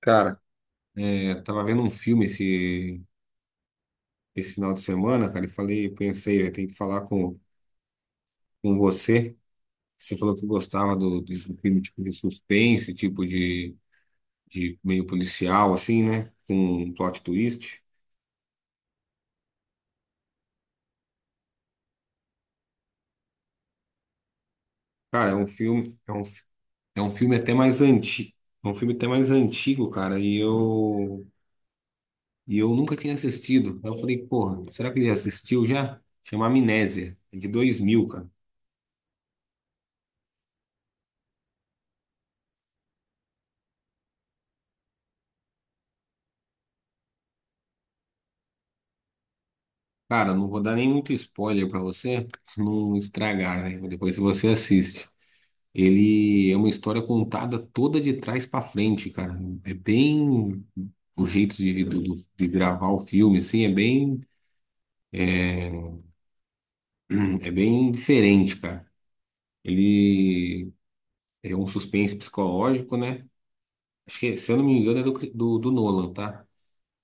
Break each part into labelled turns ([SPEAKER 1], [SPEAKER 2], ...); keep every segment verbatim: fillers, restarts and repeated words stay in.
[SPEAKER 1] Cara, é, tava vendo um filme esse, esse final de semana, cara, e falei, pensei, eu tenho que falar com, com você. Você falou que gostava do, do filme tipo de suspense, tipo de, de meio policial, assim, né? Com um plot twist. Cara, é um filme, é um, fi- é um filme até mais antigo. É um filme até mais antigo, cara, e eu, e eu nunca tinha assistido. Aí eu falei, porra, será que ele assistiu já? Chama Amnésia, é de dois mil, cara. Cara, não vou dar nem muito spoiler pra você não estragar, né? Depois você assiste. Ele é uma história contada toda de trás pra frente, cara. É bem o jeito de, do- do- de gravar o filme, assim, é bem é é bem diferente, cara. Ele é um suspense psicológico, né? Acho que, se eu não me engano, é do, do, do Nolan, tá?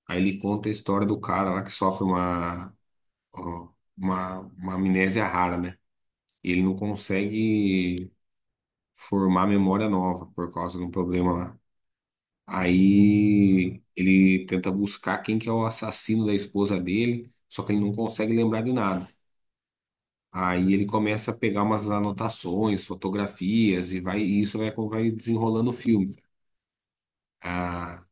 [SPEAKER 1] Aí ele conta a história do cara lá que sofre uma, ó, uma, uma amnésia rara, né? Ele não consegue formar memória nova por causa de um problema lá. Aí ele tenta buscar quem que é o assassino da esposa dele, só que ele não consegue lembrar de nada. Aí ele começa a pegar umas anotações, fotografias e vai e isso vai, vai desenrolando o filme. Ah,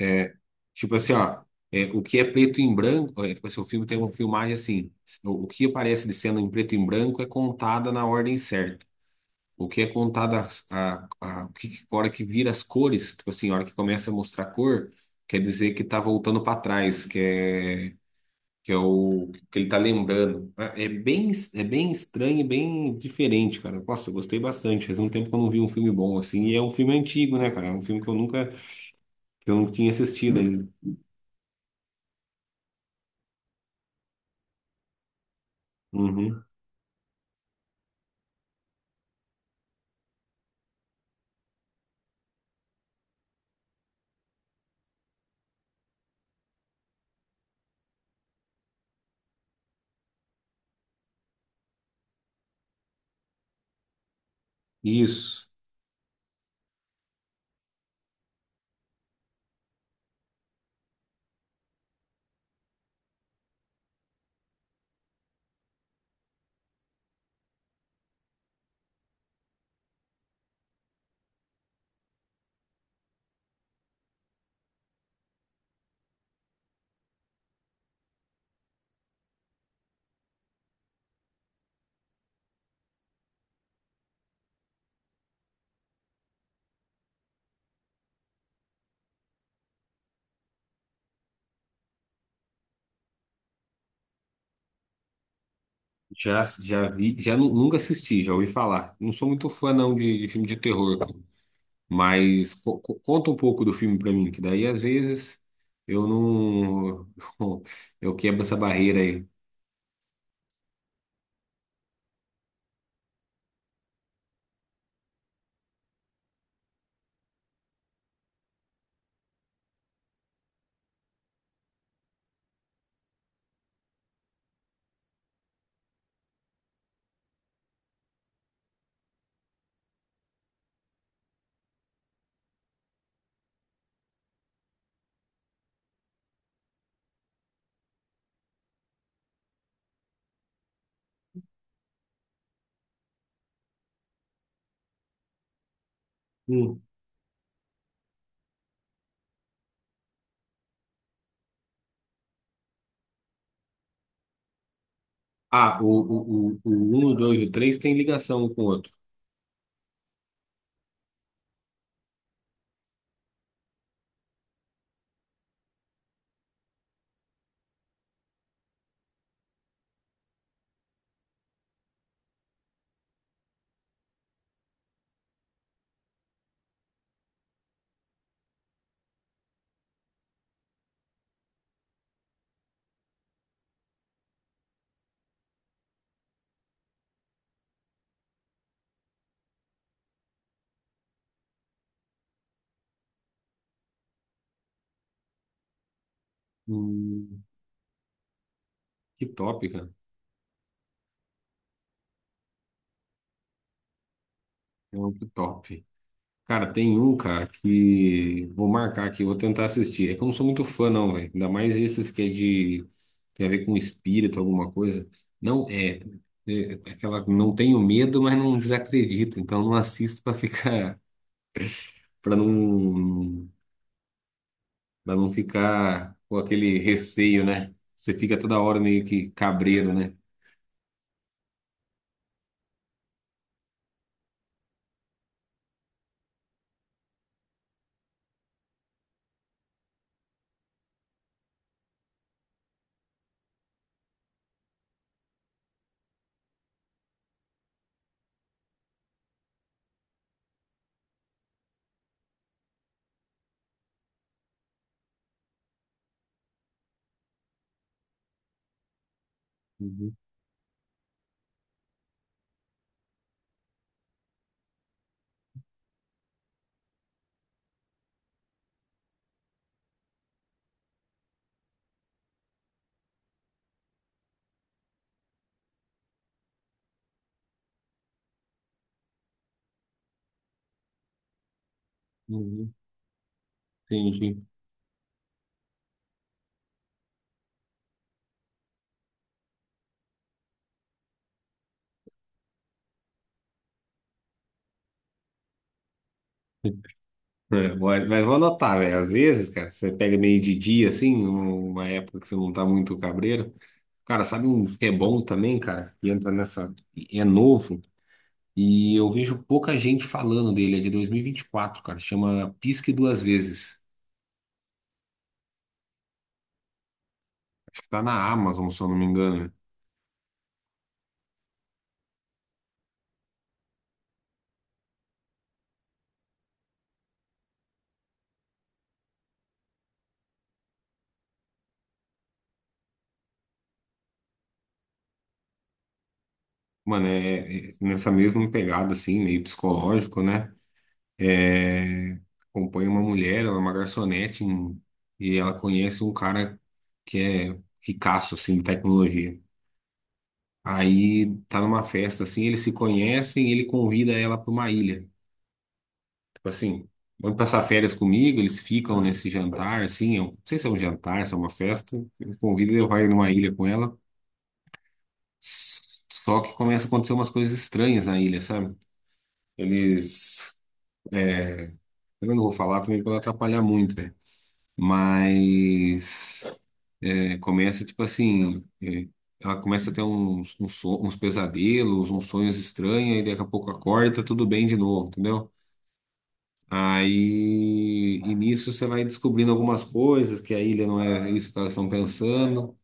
[SPEAKER 1] é, tipo assim, ó, é, o que é preto em branco, é, tipo assim, o filme tem uma filmagem assim, o, o que aparece de cena em preto e branco é contada na ordem certa. O que é contado a, a, a, o que, a hora que vira as cores, tipo assim, a hora que começa a mostrar cor, quer dizer que tá voltando para trás, que é, que é o que ele tá lembrando. É é bem, é bem estranho e bem diferente, cara. Nossa, eu gostei bastante. Faz um tempo que eu não vi um filme bom assim. E é um filme antigo, né, cara? É um filme que eu nunca, que eu não tinha assistido ainda. Uhum. Isso. Já, já vi, já nu- nunca assisti, já ouvi falar. Não sou muito fã, não, de, de filme de terror, cara. Mas co- co- conta um pouco do filme pra mim, que daí às vezes eu não. Eu quebro essa barreira aí. Hum. Ah, o, o, o, o um, o dois e o três tem ligação um com o outro. Hum, que top, cara. É um que top. Cara, tem um, cara, que vou marcar aqui, vou tentar assistir. É que eu não sou muito fã, não, velho. Ainda mais esses que é de. Tem a ver com espírito, alguma coisa. Não, é. é é aquela. Não tenho medo, mas não desacredito. Então não assisto pra ficar. Para não, para não ficar com aquele receio, né? Você fica toda hora meio que cabreiro, né? Uhum, uhum, entendi. É, vou- mas vou anotar, velho. Às vezes, cara, você pega meio de dia, assim, uma época que você não tá muito cabreiro. Cara, sabe um que é bom também, cara? E entra nessa. É novo. E eu vejo pouca gente falando dele. É de dois mil e e vinte e quatro, cara. Chama Pisque Duas Vezes. Acho que tá na Amazon, se eu não me engano. Mano, é, é nessa mesma pegada, assim, meio psicológico, né? É, acompanha uma mulher, ela é uma garçonete, em- e ela conhece um cara que é ricaço, assim, de tecnologia. Aí tá numa festa, assim, eles se conhecem e ele convida ela pra uma ilha. Tipo assim, vamos passar férias comigo, eles ficam nesse jantar, assim, eu não sei se é um jantar, se é uma festa. Ele convida e ele vai numa ilha com ela. S- Só que começa a acontecer umas coisas estranhas na ilha, sabe? Eles Eu não vou falar também para não atrapalhar muito, né? Mas é, começa, tipo assim, é, ela começa a ter uns, uns, so- uns pesadelos, uns sonhos estranhos, e daqui a pouco acorda, e tá tudo bem de novo, entendeu? Aí, e nisso você vai descobrindo algumas coisas, que a ilha não é isso que elas estão pensando.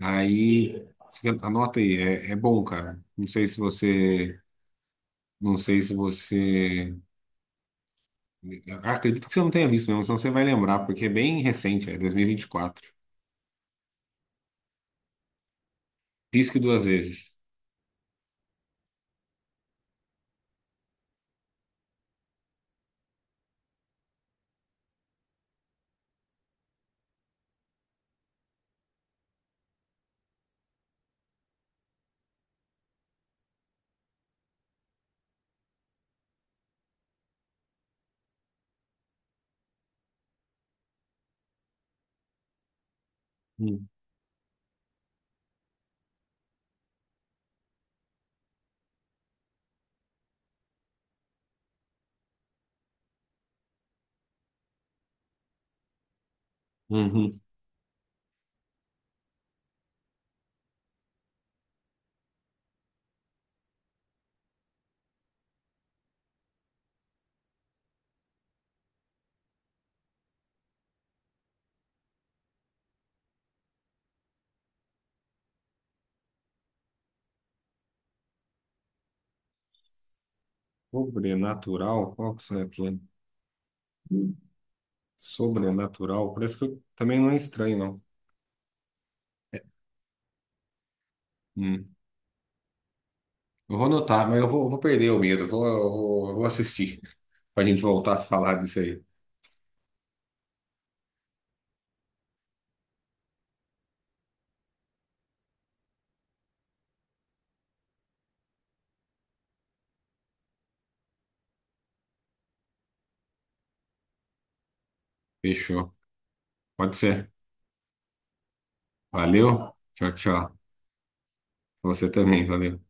[SPEAKER 1] Aí, fica- anota aí, é, é bom, cara. Não sei se você, não sei se você, Acredito que você não tenha visto mesmo, senão você vai lembrar, porque é bem recente, é dois mil e e vinte e quatro. Risque duas vezes. Hum. Uhum. Sobrenatural? Qual que será que é? Hum. Sobrenatural? Parece que eu- também não é estranho, não. É. Hum. Eu vou anotar, mas eu vou, eu vou perder o medo. Eu Vou, eu vou, eu vou assistir pra gente voltar a se falar disso aí. Fechou. Pode ser. Valeu. Tchau, tchau. Você também, valeu.